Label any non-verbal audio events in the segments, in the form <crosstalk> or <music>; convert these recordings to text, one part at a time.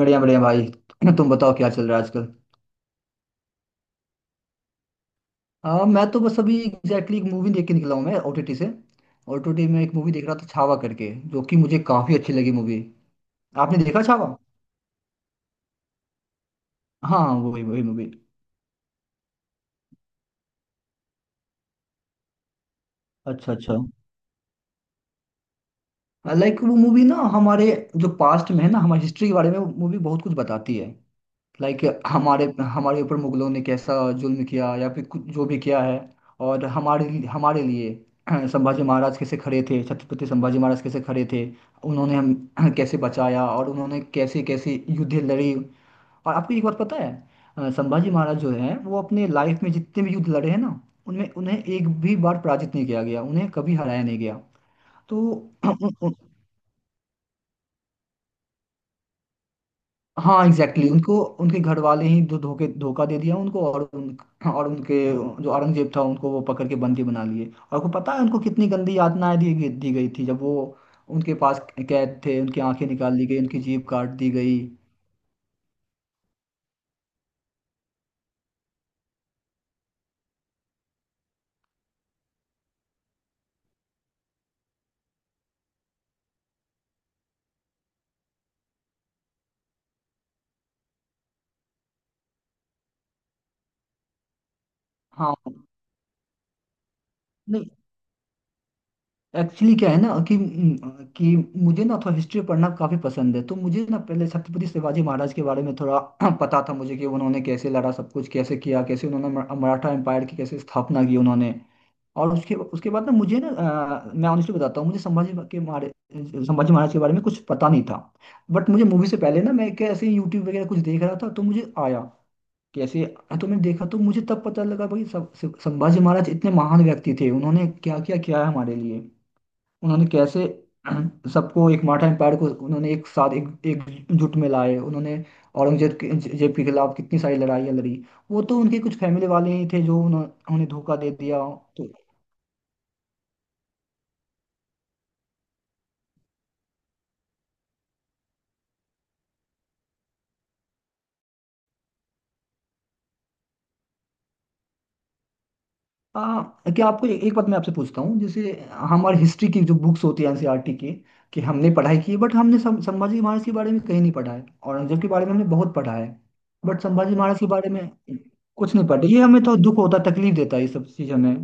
बढ़िया बढ़िया भाई। <clears throat> तुम बताओ, क्या चल रहा है आजकल? मैं तो बस अभी एग्जैक्टली एक मूवी देख के निकला हूँ, मैं ओटीटी से। ओटीटी में एक मूवी देख रहा था, छावा करके, जो कि मुझे काफी अच्छी लगी मूवी। आपने देखा छावा? हाँ, वही वही मूवी। अच्छा अच्छा। लाइक वो मूवी ना हमारे, जो पास्ट में है ना, हमारी हिस्ट्री के बारे में मूवी बहुत कुछ बताती है। लाइक, हमारे हमारे ऊपर मुगलों ने कैसा जुल्म किया, या फिर कुछ जो भी किया है। और हमारे हमारे लिए, <clears throat> संभाजी महाराज कैसे खड़े थे, छत्रपति संभाजी महाराज कैसे खड़े थे। उन्होंने हम <clears throat> कैसे बचाया, और उन्होंने कैसे कैसे युद्ध लड़ी, और आपको एक बात पता है? संभाजी महाराज जो है वो अपने लाइफ में जितने भी युद्ध लड़े हैं ना, उनमें उन्हें एक भी बार पराजित नहीं किया गया, उन्हें कभी हराया नहीं गया। तो <clears throat> हाँ, एग्जैक्टली, उनको उनके घर वाले ही धो धोखे धोखा दे दिया उनको। और उनके जो औरंगजेब था, उनको वो पकड़ के बंदी बना लिए। और को पता है उनको कितनी गंदी यातनाएं दी गई थी, जब वो उनके पास कैद थे। उनकी आंखें निकाल ली गई, उनकी जीभ काट दी गई। हाँ। नहीं, एक्चुअली क्या है ना कि मुझे ना थोड़ा हिस्ट्री पढ़ना काफी पसंद है, तो मुझे ना पहले छत्रपति शिवाजी महाराज के बारे में थोड़ा <clears throat> पता था मुझे, कि उन्होंने कैसे लड़ा, सब कुछ कैसे किया, कैसे उन्होंने मराठा एम्पायर की कैसे स्थापना की उन्होंने। और उसके उसके बाद ना मुझे ना, मैं ऑनेस्टली बताता हूँ, मुझे संभाजी महाराज के बारे में कुछ पता नहीं था। बट मुझे मूवी से पहले ना, मैं क्या ऐसे यूट्यूब वगैरह कुछ देख रहा था, तो मुझे आया कैसे। तो मैंने देखा, तो मुझे तब पता लगा भाई, सब सब- संभाजी महाराज इतने महान व्यक्ति थे, उन्होंने क्या क्या किया है हमारे लिए। उन्होंने कैसे <clears throat> सबको, एक मराठा एम्पायर को उन्होंने एक साथ एक एकजुट में लाए उन्होंने। औरंगजेब के खिलाफ कितनी सारी लड़ाइयाँ लड़ी। वो तो उनके कुछ फैमिली वाले ही थे जो उन्हें धोखा दे दिया। तो आ, क्या आपको एक बात मैं आपसे पूछता हूँ, जैसे हमारे हिस्ट्री की जो बुक्स होती है एनसीईआरटी के, कि हमने पढ़ाई की है, बट हमने संभाजी महाराज के बारे में कहीं नहीं पढ़ा है। औरंगजेब के बारे में हमने बहुत पढ़ा है। बट संभाजी महाराज के बारे में कुछ नहीं पढ़ा, ये हमें तो दुख होता है, तकलीफ देता है ये सब चीज़ हमें।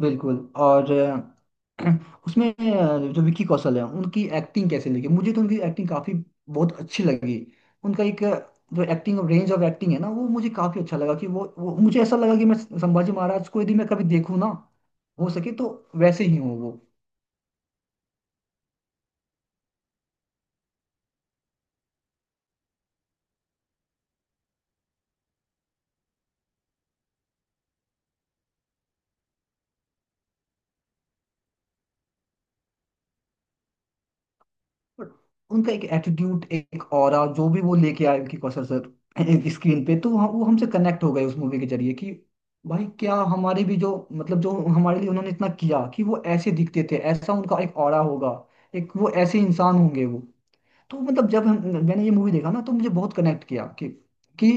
बिल्कुल। और <clears throat> उसमें जो विकी कौशल है, उनकी एक्टिंग कैसे लगी, मुझे तो उनकी एक्टिंग काफी बहुत अच्छी लगी। उनका एक जो एक्टिंग, रेंज ऑफ एक्टिंग है ना, वो मुझे काफी अच्छा लगा कि वो मुझे ऐसा लगा कि मैं संभाजी महाराज को यदि मैं कभी देखूँ ना, हो सके तो वैसे ही हूँ वो। बट उनका एक एटीट्यूड, एक ऑरा जो भी वो लेके आए विकी कौशल सर स्क्रीन पे, तो वो हमसे कनेक्ट हो गए उस मूवी के जरिए कि भाई, क्या हमारे भी जो, मतलब जो हमारे लिए उन्होंने इतना किया कि वो ऐसे दिखते थे, ऐसा उनका एक ऑरा होगा, एक वो ऐसे इंसान होंगे वो। तो मतलब जब हम, मैंने ये मूवी देखा ना तो मुझे बहुत कनेक्ट किया कि कि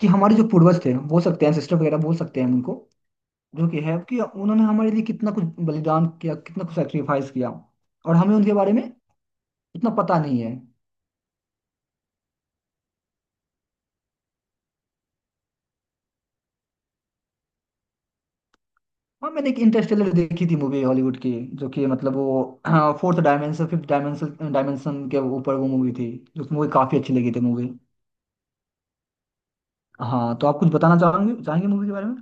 कि हमारे जो पूर्वज थे बोल सकते हैं, सिस्टर वगैरह बोल सकते हैं हम उनको, जो कि है कि उन्होंने हमारे लिए कितना कुछ बलिदान किया, कितना कुछ सेक्रीफाइस किया, और हमें उनके बारे में इतना पता नहीं है। हाँ, मैंने एक इंटरस्टेलर देखी थी मूवी, हॉलीवुड की, जो कि मतलब वो, हाँ, fourth dimension, fifth dimension dimension के ऊपर वो मूवी थी, जो मूवी काफी अच्छी लगी थी मूवी। हाँ, तो आप कुछ बताना चाहोगे चाहेंगे मूवी के बारे में?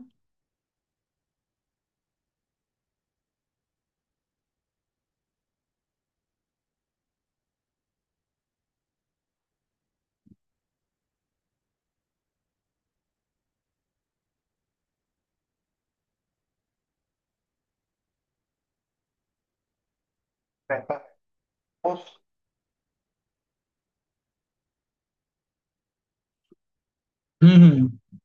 Thanos, हम्म हम्म।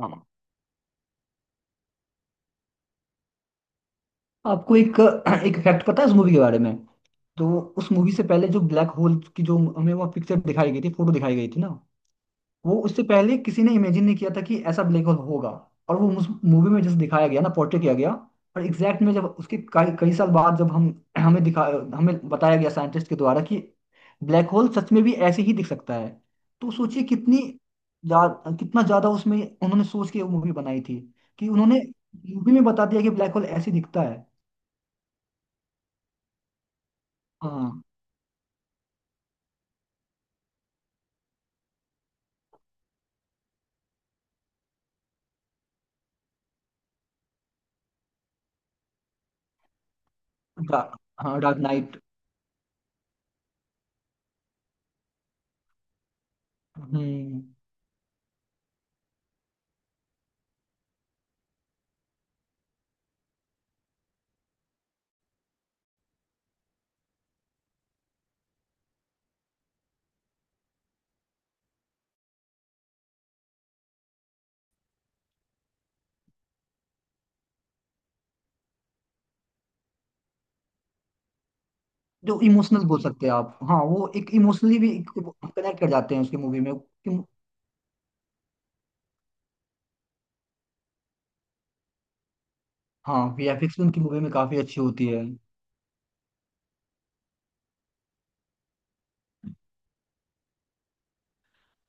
हाँ, आपको एक एक फैक्ट पता है उस मूवी के बारे में? तो उस मूवी से पहले, जो ब्लैक होल की जो हमें वो पिक्चर दिखाई गई थी, फोटो दिखाई गई थी ना, वो उससे पहले किसी ने इमेजिन नहीं किया था कि ऐसा ब्लैक होल होगा। और वो उस मूवी में जैसे दिखाया गया ना, पोर्ट्रे किया गया, और एग्जैक्ट में जब उसके कई कई साल बाद जब हम, हमें दिखा हमें बताया गया साइंटिस्ट के द्वारा कि ब्लैक होल सच में भी ऐसे ही दिख सकता है। तो सोचिए जा, कितना ज्यादा उसमें उन्होंने सोच के वो मूवी बनाई थी, कि उन्होंने मूवी में बता दिया कि ब्लैक होल ऐसे दिखता है। हाँ। डा, हाँ, डार्क नाइट। हम्म। जो इमोशनल बोल सकते हैं आप, हाँ, वो एक इमोशनली भी कनेक्ट कर जाते हैं उसकी मूवी में कि। हाँ, वीएफएक्स भी उनकी मूवी में काफी अच्छी होती है।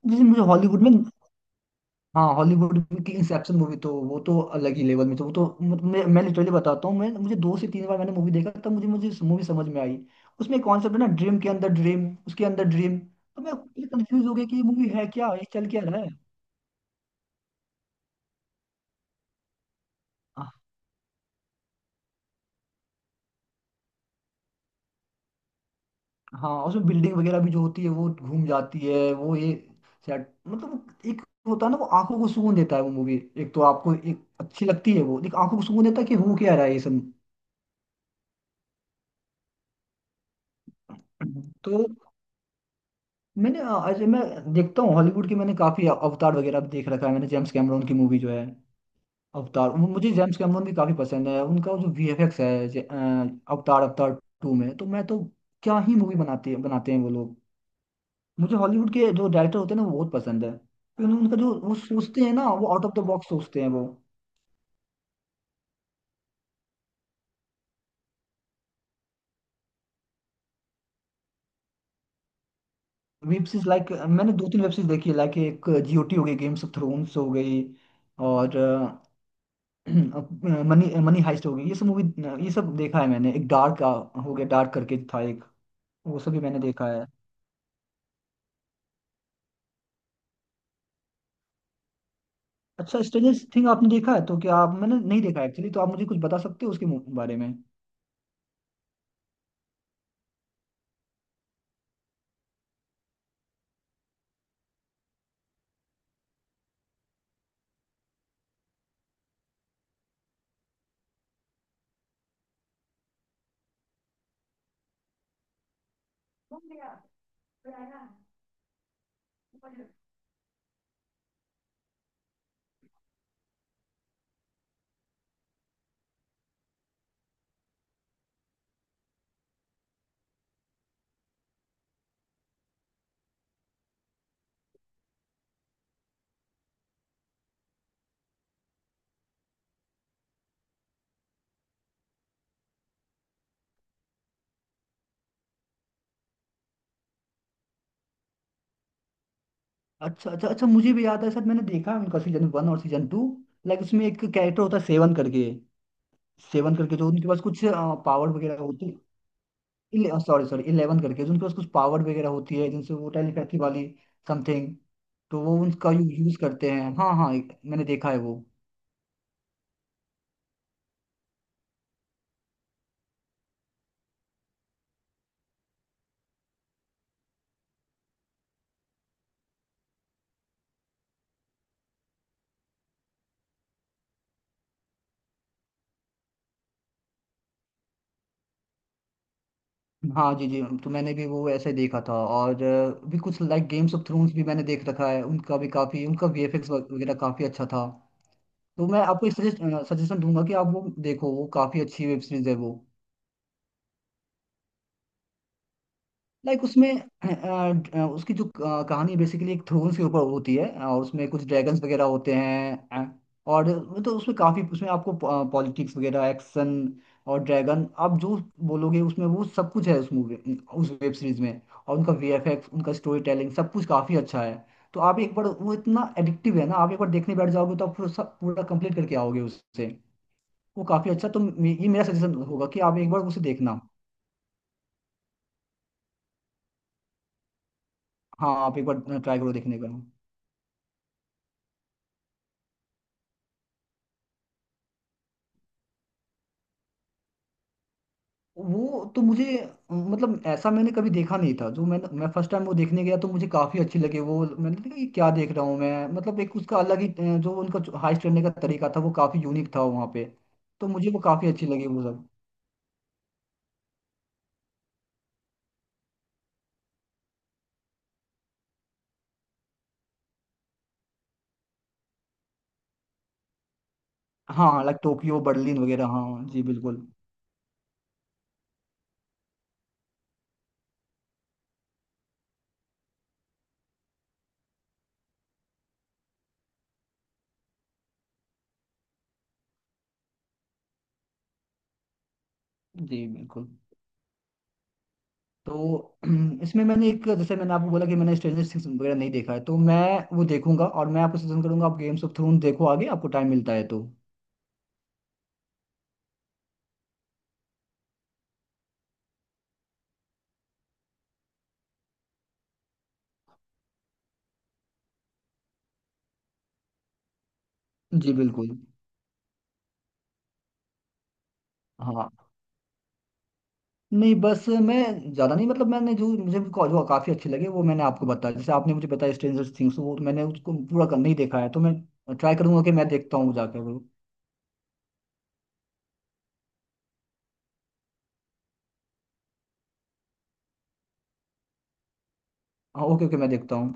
जैसे मुझे हॉलीवुड में, हाँ, हॉलीवुड की इंसेप्शन मूवी तो वो तो अलग ही लेवल में, तो वो तो मैं लिटरली बताता हूँ मैं, मुझे 2 से 3 बार मैंने मूवी देखा तब मुझे मुझे मूवी समझ में आई। उसमें कॉन्सेप्ट है ना, ड्रीम के अंदर ड्रीम, उसके अंदर ड्रीम, तो मैं कंफ्यूज हो गया कि ये मूवी है क्या, ये चल क्या रहा है। हाँ, उसमें बिल्डिंग वगैरह भी जो होती है वो घूम जाती है वो, ये सेट मतलब एक होता है ना, वो आंखों को सुकून देता है वो मूवी। एक तो आपको एक अच्छी लगती है वो, एक आंखों को सुकून देता है कि हो क्या रहा है ये सब। तो मैंने अजय मैं देखता हूँ हॉलीवुड की, मैंने काफी अवतार वगैरह भी देख रखा है, मैंने जेम्स कैमरॉन की मूवी जो है अवतार, मुझे जेम्स कैमरॉन भी काफी पसंद है, उनका वो जो वीएफएक्स है, अवतार अवतार टू में तो मैं तो, क्या ही मूवी बनाती है बनाते हैं वो लोग। मुझे हॉलीवुड के जो डायरेक्टर होते हैं ना वो बहुत पसंद है, क्योंकि उनका जो वो सोचते हैं ना, वो आउट ऑफ द बॉक्स सोचते हैं वो। वेब सीरीज, लाइक, मैंने दो तीन वेब सीरीज देखी है, लाइक, एक जीओटी हो गई, गेम्स ऑफ थ्रोन्स हो गई, और मनी मनी हाइस्ट <clears throat> हो गई, ये सब मूवी, ये सब देखा है मैंने। एक डार्क हो गया, डार्क करके था एक। वो सब भी मैंने देखा है। अच्छा, स्ट्रेंजर थिंग आपने देखा है, तो क्या आप, मैंने नहीं देखा एक्चुअली, तो आप मुझे कुछ बता सकते हो उसके बारे में? अच्छा अच्छा अच्छा, मुझे भी याद है सर, मैंने देखा है उनका सीजन 1 और सीजन 2। लाइक उसमें एक कैरेक्टर होता है सेवन करके जो उनके पास कुछ पावर वगैरह होती है। सॉरी सॉरी, इलेवन करके जो उनके पास कुछ पावर वगैरह होती है, जिनसे वो टेलीपैथी वाली समथिंग, तो वो उनका यूज करते हैं। हाँ हाँ, मैंने देखा है वो। हाँ जी जी, तो मैंने भी वो ऐसे देखा था, और भी कुछ लाइक गेम्स ऑफ थ्रोन्स भी मैंने देख रखा है, उनका भी काफ़ी, उनका वीएफएक्स वगैरह काफ़ी अच्छा था। तो मैं आपको सजेस्ट सजेशन दूंगा कि आप वो देखो, वो काफ़ी अच्छी वेब सीरीज है वो। लाइक उसमें उसकी जो कहानी बेसिकली एक थ्रोन्स के ऊपर होती है, और उसमें कुछ ड्रैगन्स वगैरह होते हैं, और तो उसमें काफ़ी, उसमें आपको पॉलिटिक्स वगैरह, एक्शन और ड्रैगन, आप जो बोलोगे उसमें वो सब कुछ है उस वेब सीरीज में। और उनका वीएफएक्स, उनका स्टोरी टेलिंग, सब कुछ काफ़ी अच्छा है। तो आप एक बार वो, इतना एडिक्टिव है ना, आप एक बार देखने बैठ जाओगे तो आप पूरा सब, पूरा कंप्लीट करके आओगे उससे। वो काफ़ी अच्छा, तो ये मेरा सजेशन होगा कि आप एक बार उसे देखना। हाँ, आप एक बार ट्राई करो देखने का। वो तो मुझे, मतलब ऐसा मैंने कभी देखा नहीं था, जो मैं फर्स्ट टाइम वो देखने गया तो मुझे काफी अच्छी लगी वो, मैंने देखा ये क्या देख रहा हूँ मैं, मतलब एक उसका अलग ही जो उनका हाइस्ट करने का तरीका था वो काफी यूनिक था वहाँ पे। तो मुझे वो काफी अच्छी लगी वो सब। हाँ हाँ, लाइक टोक्यो बर्लिन वगैरह, हाँ जी बिल्कुल। जी बिल्कुल। तो <clears throat> इसमें मैंने एक, जैसे मैंने आपको बोला कि मैंने स्ट्रेंजर थिंग्स वगैरह नहीं देखा है, तो मैं वो देखूंगा, और मैं आपको सजेशन करूंगा आप गेम्स ऑफ थ्रोन देखो, आगे आपको टाइम मिलता है तो। जी बिल्कुल। हाँ नहीं, बस मैं ज़्यादा नहीं, मतलब मैंने जो मुझे जो काफ़ी अच्छे लगे वो मैंने आपको बताया, जैसे आपने मुझे बताया स्ट्रेंजर थिंग्स, वो तो मैंने उसको पूरा कर नहीं देखा है, तो मैं ट्राई करूंगा कि मैं देखता हूँ जाकर वो। हाँ ओके ओके, मैं देखता हूँ।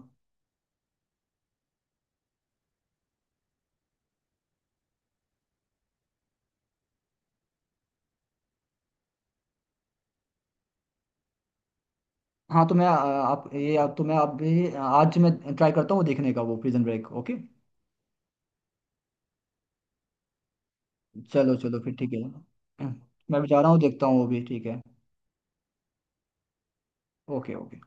हाँ, तो मैं आप ये, आप, तो मैं, आप भी, आज मैं ट्राई करता हूँ देखने का वो प्रिजन ब्रेक, ओके। चलो चलो फिर, ठीक है। मैं भी जा रहा हूँ, देखता हूँ वो भी, ठीक है। Okay okay.